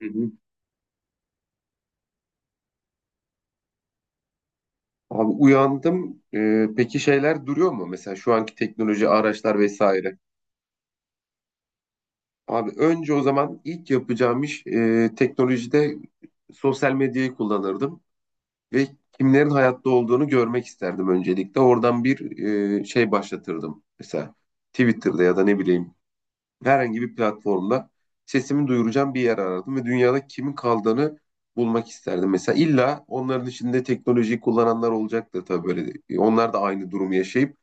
Hı hı. Abi uyandım. Peki şeyler duruyor mu? Mesela şu anki teknoloji, araçlar vesaire. Abi önce o zaman ilk yapacağım iş teknolojide sosyal medyayı kullanırdım ve kimlerin hayatta olduğunu görmek isterdim öncelikle. Oradan bir şey başlatırdım. Mesela Twitter'da ya da ne bileyim herhangi bir platformda sesimi duyuracağım bir yer aradım ve dünyada kimin kaldığını bulmak isterdim. Mesela illa onların içinde teknolojiyi kullananlar olacaktır tabii böyle. Onlar da aynı durumu yaşayıp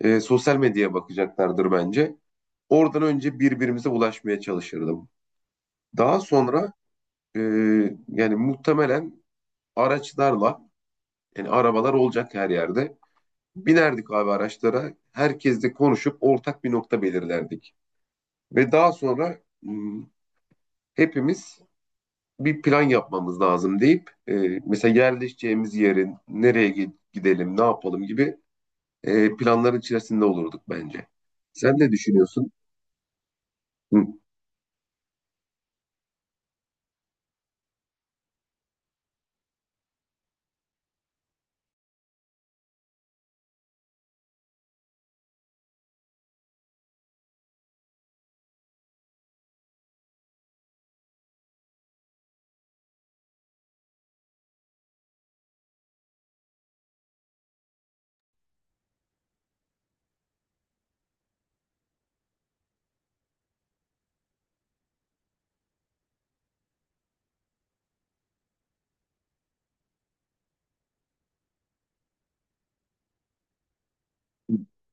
sosyal medyaya bakacaklardır bence. Oradan önce birbirimize ulaşmaya çalışırdım. Daha sonra e, yani muhtemelen araçlarla, yani arabalar olacak her yerde. Binerdik abi araçlara. Herkesle konuşup ortak bir nokta belirlerdik. Ve daha sonra hepimiz bir plan yapmamız lazım deyip mesela yerleşeceğimiz yerin nereye gidelim, ne yapalım gibi planların içerisinde olurduk bence. Sen ne düşünüyorsun? Hı.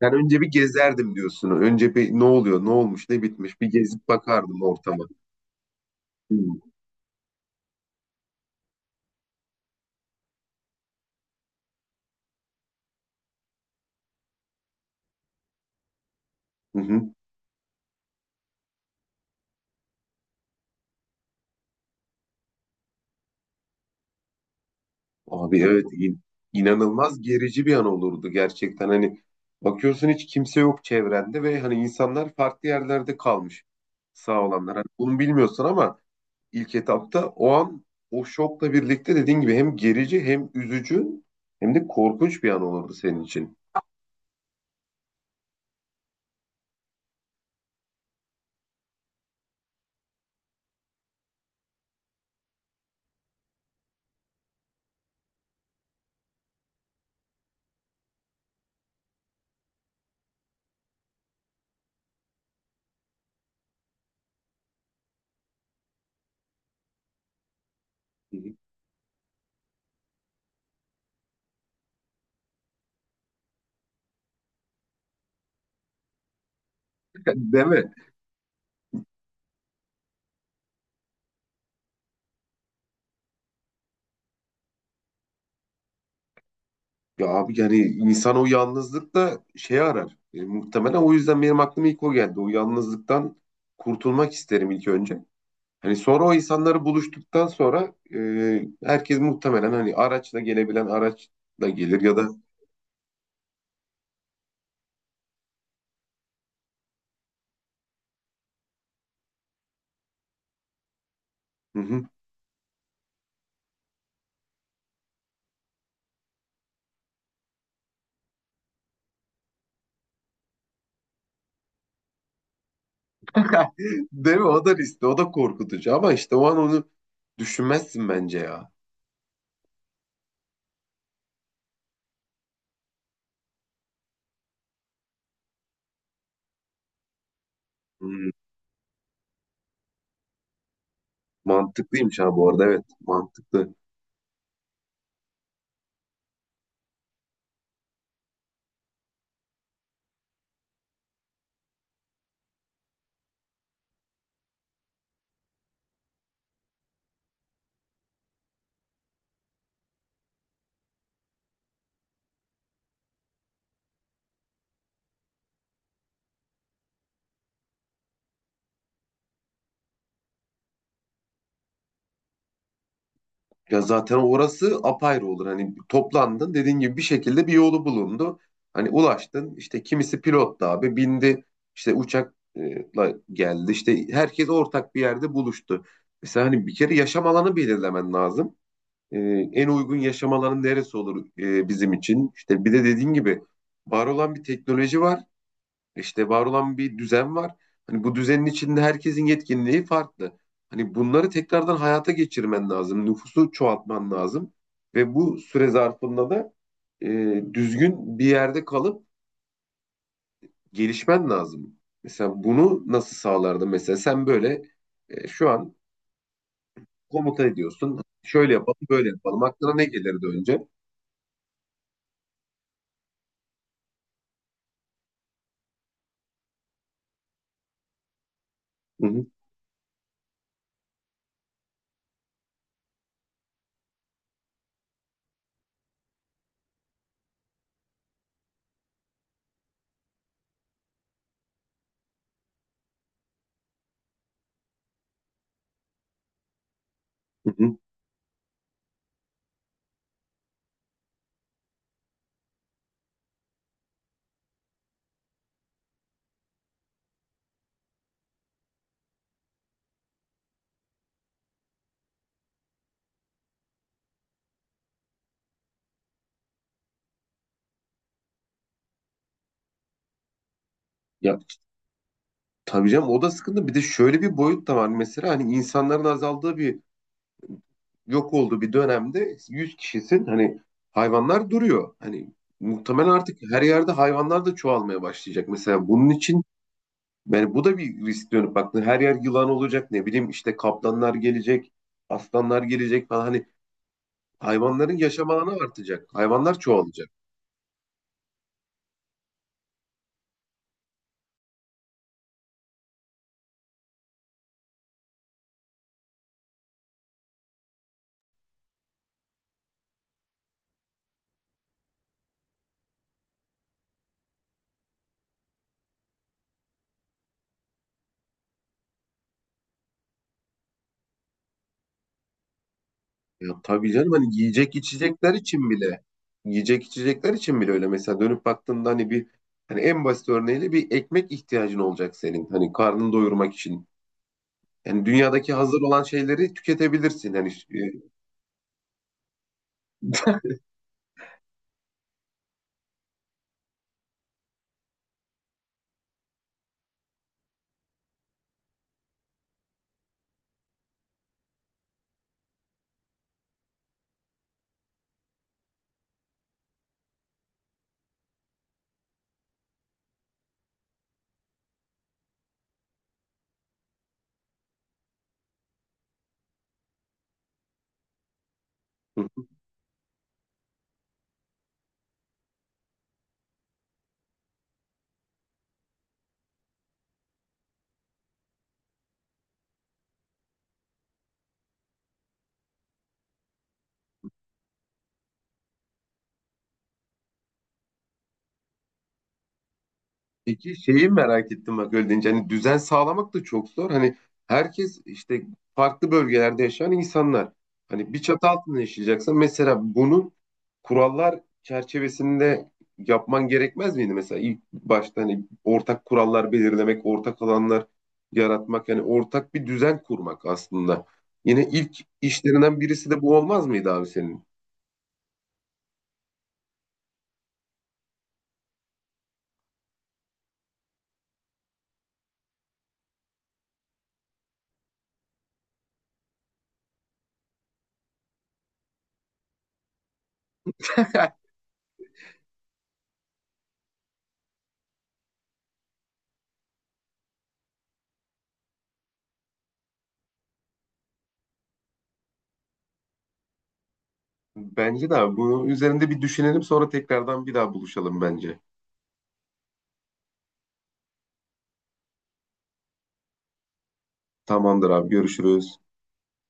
Ben önce bir gezerdim diyorsun. Önce bir ne oluyor, ne olmuş, ne bitmiş bir gezip bakardım ortama. Hı. Hı hı. Abi evet, inanılmaz gerici bir an olurdu gerçekten. Hani bakıyorsun hiç kimse yok çevrende ve hani insanlar farklı yerlerde kalmış, sağ olanlar. Hani bunu bilmiyorsun ama ilk etapta. O an o şokla birlikte, dediğin gibi, hem gerici hem üzücü hem de korkunç bir an olurdu senin için. Hı. Değil mi? Ya abi yani insan o yalnızlıkta şey arar. Muhtemelen o yüzden benim aklıma ilk o geldi. O yalnızlıktan kurtulmak isterim ilk önce. Hani sonra o insanları buluştuktan sonra herkes muhtemelen, hani araçla gelebilen araçla gelir ya da. Hı hı. Değil mi? O da riskli, o da korkutucu, ama işte o an onu düşünmezsin bence ya. Hmm. Mantıklıymış ha, bu arada, evet mantıklı. Ya zaten orası apayrı olur. Hani toplandın, dediğin gibi bir şekilde bir yolu bulundu. Hani ulaştın, işte kimisi pilottu abi, bindi işte uçakla geldi, işte herkes ortak bir yerde buluştu. Mesela hani bir kere yaşam alanı belirlemen lazım. Ee, En uygun yaşam alanı neresi olur bizim için? İşte bir de dediğin gibi, var olan bir teknoloji var. İşte var olan bir düzen var. Hani bu düzenin içinde herkesin yetkinliği farklı. Hani bunları tekrardan hayata geçirmen lazım. Nüfusu çoğaltman lazım. Ve bu süre zarfında da e, düzgün bir yerde kalıp gelişmen lazım. Mesela bunu nasıl sağlardı? Mesela sen böyle şu an komuta ediyorsun. Şöyle yapalım, böyle yapalım. Aklına ne gelirdi önce? Hı hı, hı hı. Ya tabii canım, o da sıkıntı. Bir de şöyle bir boyut da var mesela, hani insanların azaldığı bir, yok olduğu bir dönemde 100 kişisin, hani hayvanlar duruyor. Hani muhtemelen artık her yerde hayvanlar da çoğalmaya başlayacak. Mesela bunun için, yani bu da bir risk. Dönüp baktığında her yer yılan olacak, ne bileyim, işte kaplanlar gelecek, aslanlar gelecek falan, hani hayvanların yaşam alanı artacak. Hayvanlar çoğalacak. Ya tabii canım, hani yiyecek içecekler için bile öyle. Mesela dönüp baktığında, hani bir, hani en basit örneğiyle bir ekmek ihtiyacın olacak senin. Hani karnını doyurmak için. Yani dünyadaki hazır olan şeyleri tüketebilirsin. Hani hı hı. Peki şeyi merak ettim, bak öyle deyince hani düzen sağlamak da çok zor. Hani herkes işte farklı bölgelerde yaşayan insanlar. Hani bir çatı altında yaşayacaksan mesela bunu kurallar çerçevesinde yapman gerekmez miydi mesela ilk başta? Hani ortak kurallar belirlemek, ortak alanlar yaratmak, yani ortak bir düzen kurmak aslında. Yine ilk işlerinden birisi de bu olmaz mıydı abi senin? Bence de abi. Bunun üzerinde bir düşünelim, sonra tekrardan bir daha buluşalım bence. Tamamdır abi, görüşürüz.